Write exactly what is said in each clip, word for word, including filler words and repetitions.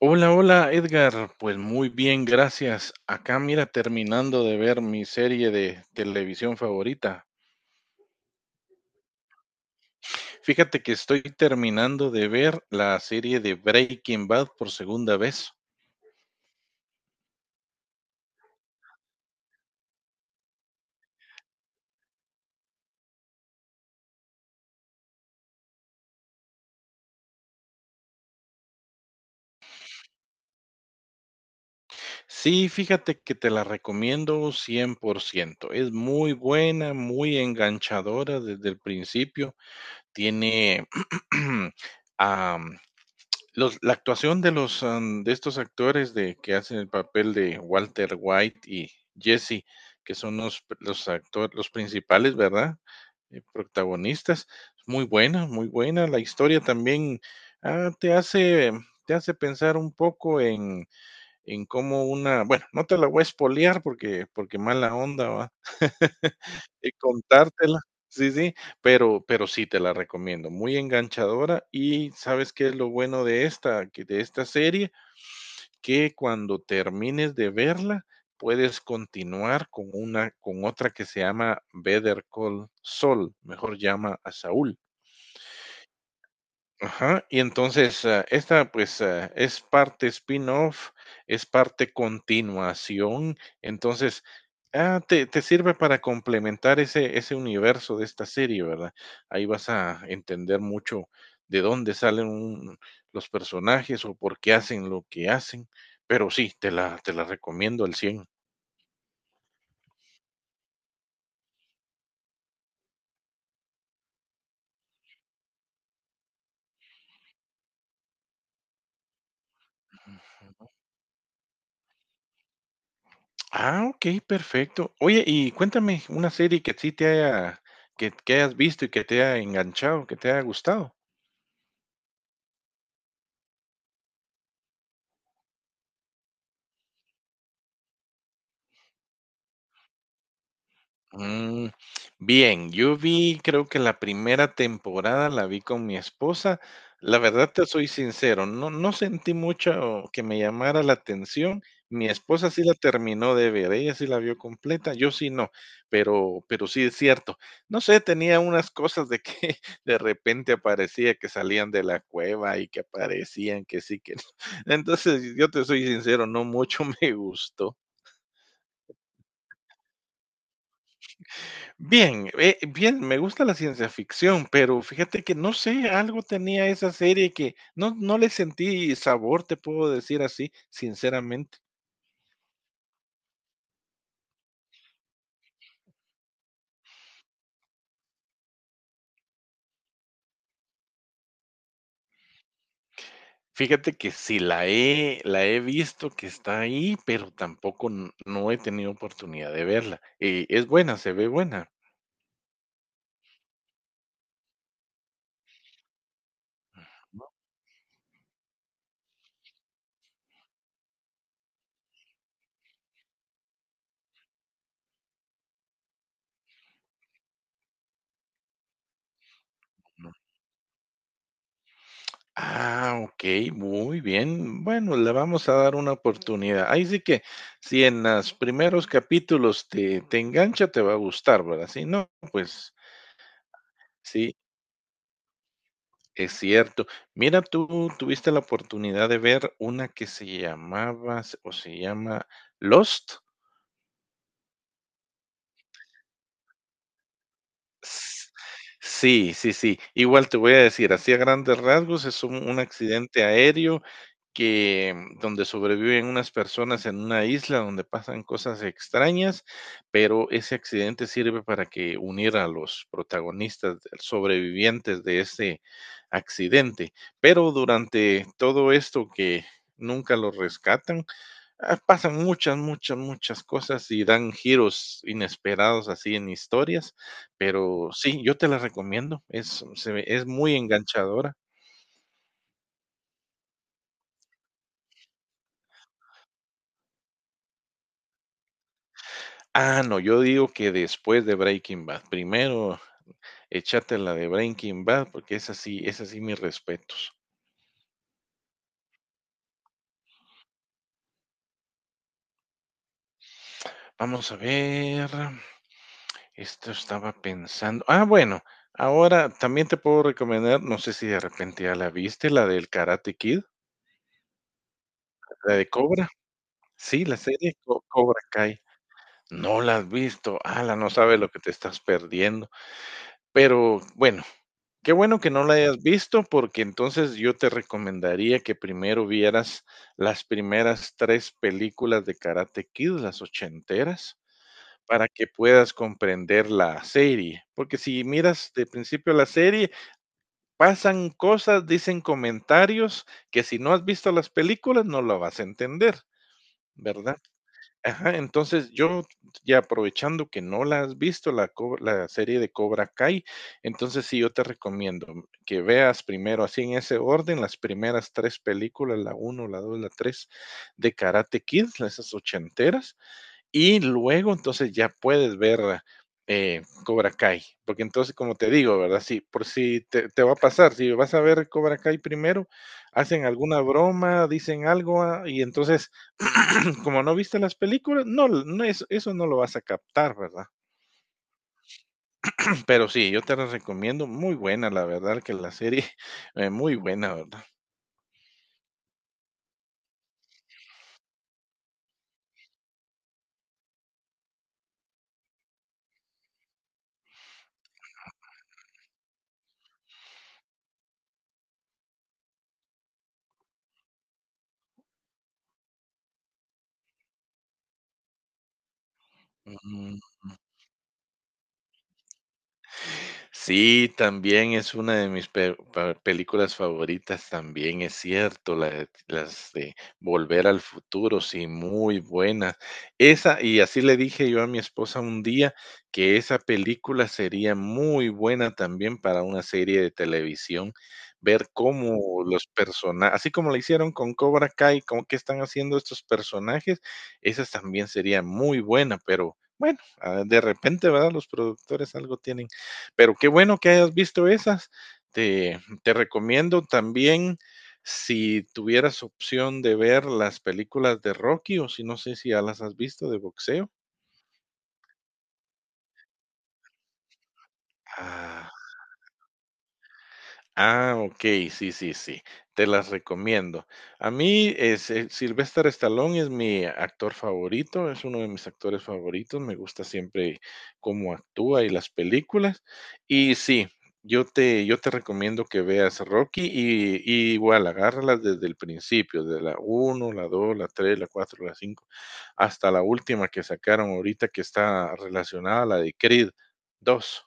Hola, hola Edgar. Pues muy bien, gracias. Acá mira, terminando de ver mi serie de televisión favorita. Fíjate que estoy terminando de ver la serie de Breaking Bad por segunda vez. Sí, fíjate que te la recomiendo cien por ciento. Es muy buena, muy enganchadora desde el principio. Tiene... am, Los la actuación de los, am, de estos actores de que hacen el papel de Walter White y Jesse, que son los los actores los principales, ¿verdad? Eh, protagonistas. Muy buena, muy buena. La historia también, ah, te hace em, te hace pensar un poco en en cómo una bueno, no te la voy a espolear porque porque mala onda, ¿va? Y contártela. Sí, sí, pero pero sí te la recomiendo, muy enganchadora. Y, ¿sabes qué es lo bueno de esta que de esta serie? Que cuando termines de verla, puedes continuar con una con otra que se llama Better Call Saul, mejor llama a Saúl. Ajá, y entonces, ah, esta, pues, ah, es parte spin-off, es parte continuación, entonces, ah, te, te sirve para complementar ese, ese universo de esta serie, ¿verdad? Ahí vas a entender mucho de dónde salen un- los personajes o por qué hacen lo que hacen, pero sí, te la, te la recomiendo al cien. Ah, ok, perfecto. Oye, y cuéntame una serie que sí te haya, que, que hayas visto y que te haya enganchado, que te haya gustado. Mm, bien, yo vi, creo que la primera temporada la vi con mi esposa. La verdad te soy sincero, no, no sentí mucho que me llamara la atención. Mi esposa sí la terminó de ver, ella sí la vio completa, yo sí no, pero, pero sí es cierto. No sé, tenía unas cosas de que de repente aparecía que salían de la cueva y que aparecían que sí, que no. Entonces, yo te soy sincero, no mucho me gustó. Bien, eh, bien, me gusta la ciencia ficción, pero fíjate que no sé, algo tenía esa serie que no, no le sentí sabor, te puedo decir así, sinceramente. Fíjate que sí la he, la he visto que está ahí, pero tampoco n- no he tenido oportunidad de verla. Eh, es buena, se ve buena. No, no. Ah, ok, muy bien. Bueno, le vamos a dar una oportunidad. Ahí sí que si en los primeros capítulos te, te engancha, te va a gustar, ¿verdad? Si no, pues sí, es cierto. Mira, tú tuviste la oportunidad de ver una que se llamaba, s- o se llama Lost. S sí, sí, sí. Igual te voy a decir, así a grandes rasgos, es un un accidente aéreo que, mm, donde sobreviven unas personas en una isla donde pasan cosas extrañas, pero ese accidente sirve para que unir a los protagonistas de- sobrevivientes de ese accidente. Pero durante todo esto que nunca los rescatan, ah, pasan muchas, muchas, muchas cosas y dan giros inesperados así en historias, pero sí, yo te la recomiendo, es se ve es muy enganchadora. Ah, no, yo digo que después de Breaking Bad, primero échate la de Breaking Bad, porque es así, es así mis respetos. Vamos a ver, esto estaba pensando ah, bueno, ahora también te puedo recomendar, no sé si de repente ya la viste, la del Karate Kid, la de Cobra, sí, la serie Co Cobra Kai. No la has visto. Ala, no sabes lo que te estás perdiendo. Pero bueno, qué bueno que no la hayas visto, porque entonces yo te recomendaría que primero vieras las primeras tres películas de Karate Kid, las ochenteras, para que puedas comprender la serie. Porque si miras de principio la serie, pasan cosas, dicen comentarios que si no has visto las películas no lo vas a entender, ¿verdad? Ajá, entonces yo ya aprovechando que no la has visto, la co la serie de Cobra Kai, entonces sí, yo te recomiendo que veas primero, así en ese orden, las primeras tres películas, la uno la dos la tres de Karate Kid, esas ochenteras, y luego entonces ya puedes ver eh, Cobra Kai, porque entonces como te digo, ¿verdad? Si por si te, te va a pasar, si vas a ver Cobra Kai primero, hacen alguna broma, dicen algo ah, y entonces como no viste las películas, no, no es, eso no lo vas a captar, ¿verdad? Pero sí, yo te las recomiendo, muy buena, la verdad que la serie, eh, muy buena, ¿verdad? Mm. Sí, también es una de mis pe- pa- películas favoritas, también es cierto, la de- las de Volver al Futuro, sí, muy buena. Esa, y así le dije yo a mi esposa un día que esa película sería muy buena también para una serie de televisión, ver cómo los personajes, así como lo hicieron con Cobra Kai, cómo qué están haciendo estos personajes, esa también sería muy buena, pero bueno, ah, de repente, ¿verdad? Los productores algo tienen pero qué bueno que hayas visto esas. Te, te recomiendo también, si tuvieras opción de ver las películas de Rocky, o si no sé si ya las has visto de boxeo. Ah, ah, okey, sí, sí, sí, te las recomiendo. A mí, es, eh, Sylvester Stallone es mi actor favorito, es uno de mis actores favoritos, me gusta siempre cómo actúa y las películas. Y sí, yo te yo te recomiendo que veas Rocky y y igual, agárralas desde el principio, de la uno, la dos, la tres, la cuatro, la cinco, hasta la última que sacaron ahorita que está relacionada a la de Creed dos.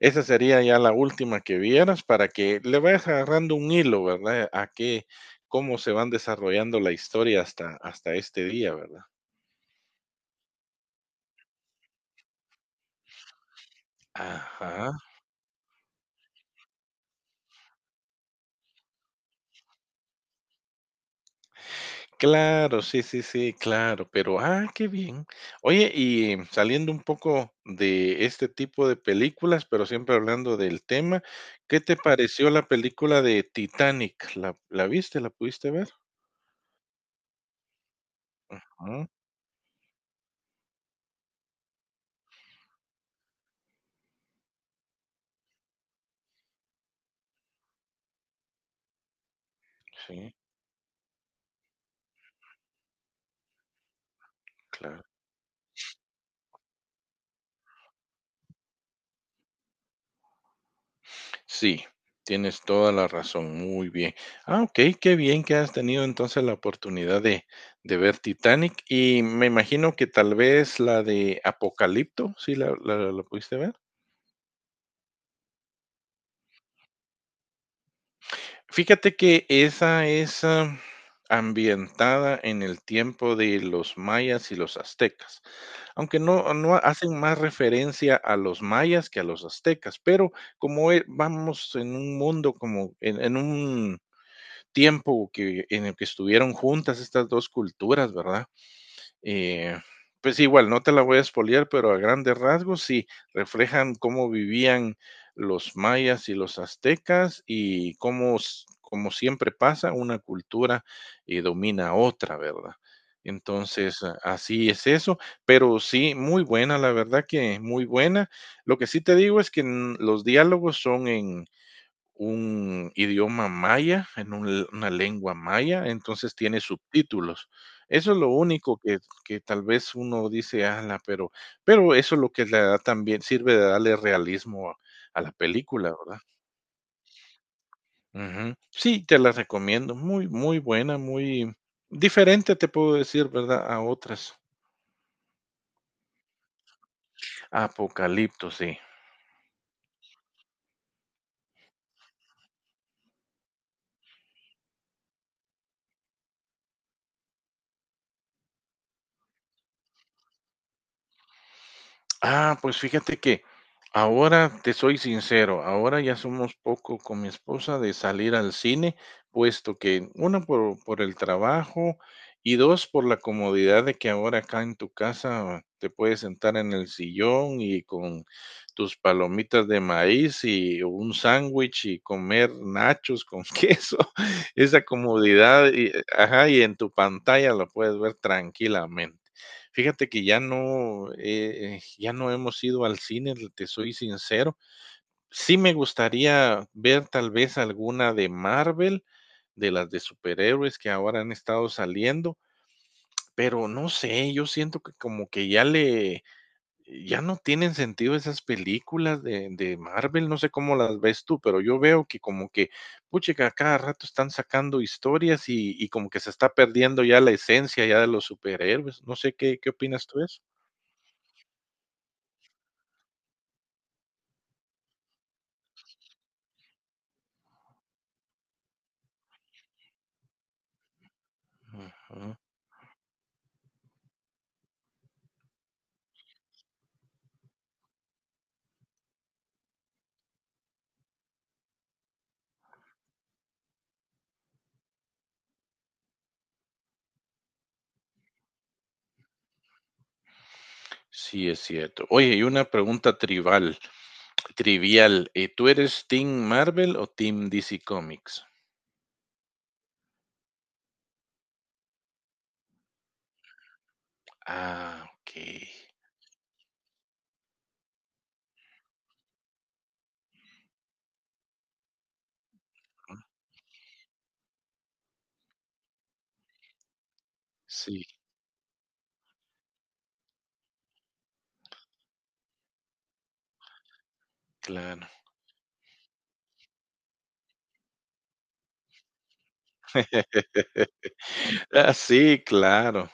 Esa sería ya la última que vieras para que le vayas agarrando un hilo, ¿verdad? A qué, cómo se van desarrollando la historia hasta, hasta este día, ¿verdad? Ajá. Claro, sí, sí, sí, claro, pero ah, qué bien. Oye, y saliendo un poco de este tipo de películas, pero siempre hablando del tema, ¿qué te pareció la película de Titanic? ¿La, la viste? ¿La pudiste ver? Ah, sí, claro. Sí, tienes toda la razón, muy bien. Ah, okey, qué bien que has tenido entonces la oportunidad de de ver Titanic, y me imagino que tal vez la de Apocalipto, ¿sí la la la pudiste ver? Fíjate que esa es, am, ambientada en el tiempo de los mayas y los aztecas, aunque no no hacen más referencia a los mayas que a los aztecas, pero como, eh, vamos en un mundo como en en un tiempo que, en el que estuvieron juntas estas dos culturas, ¿verdad? Eh, pues igual, no te la voy a espolear, pero a grandes rasgos sí reflejan cómo vivían los mayas y los aztecas y cómo, como siempre pasa, una cultura eh, domina a otra, ¿verdad? Entonces, a- así es eso, pero sí, muy buena, la verdad que muy buena. Lo que sí te digo es que mm, los diálogos son un idioma maya, en un una lengua maya, entonces tiene subtítulos. Eso es lo único que que tal vez uno dice: "Ala", pero pero eso es lo que le da también sirve de darle realismo a a la película, ¿verdad? Ujú. Sí, te la recomiendo, muy, muy buena, muy diferente, te puedo decir, ¿verdad?, a otras. Apocalipto, sí. Ah, pues fíjate que ahora te soy sincero, ahora ya somos poco con mi esposa de salir al cine, puesto que uno por, por el trabajo y dos por la comodidad de que ahora acá en tu casa te puedes sentar en el sillón y con tus palomitas de maíz y un sándwich y comer nachos con queso, esa comodidad, y, ajá, y en tu pantalla lo puedes ver tranquilamente. Fíjate que ya no, eh, eh, ya no hemos ido al cine, te soy sincero. Sí me gustaría ver tal vez alguna de Marvel, de las de superhéroes que ahora han estado saliendo, pero no sé, yo siento que como que ya le, ya no tienen sentido esas películas de, de Marvel, no sé cómo las ves tú, pero yo veo que como que, puchica, cada rato están sacando historias y, y como que se está perdiendo ya la esencia ya de los superhéroes. No sé qué, qué opinas tú de eso. Ujú. Sí, es cierto. Oye, y una pregunta trivial, trivial. Eh, ¿tú eres Team Marvel o Team D C Comics? Ah, ok. Ujú. Sí, claro. Ah, sí, claro,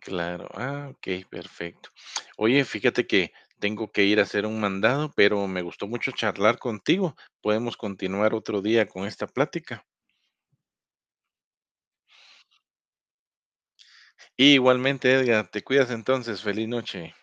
claro. Ah, ok, perfecto. Oye, fíjate que tengo que ir a hacer un mandado, pero me gustó mucho charlar contigo. Podemos continuar otro día con esta plática. Y igualmente, Edgar, te cuidas entonces. Feliz noche.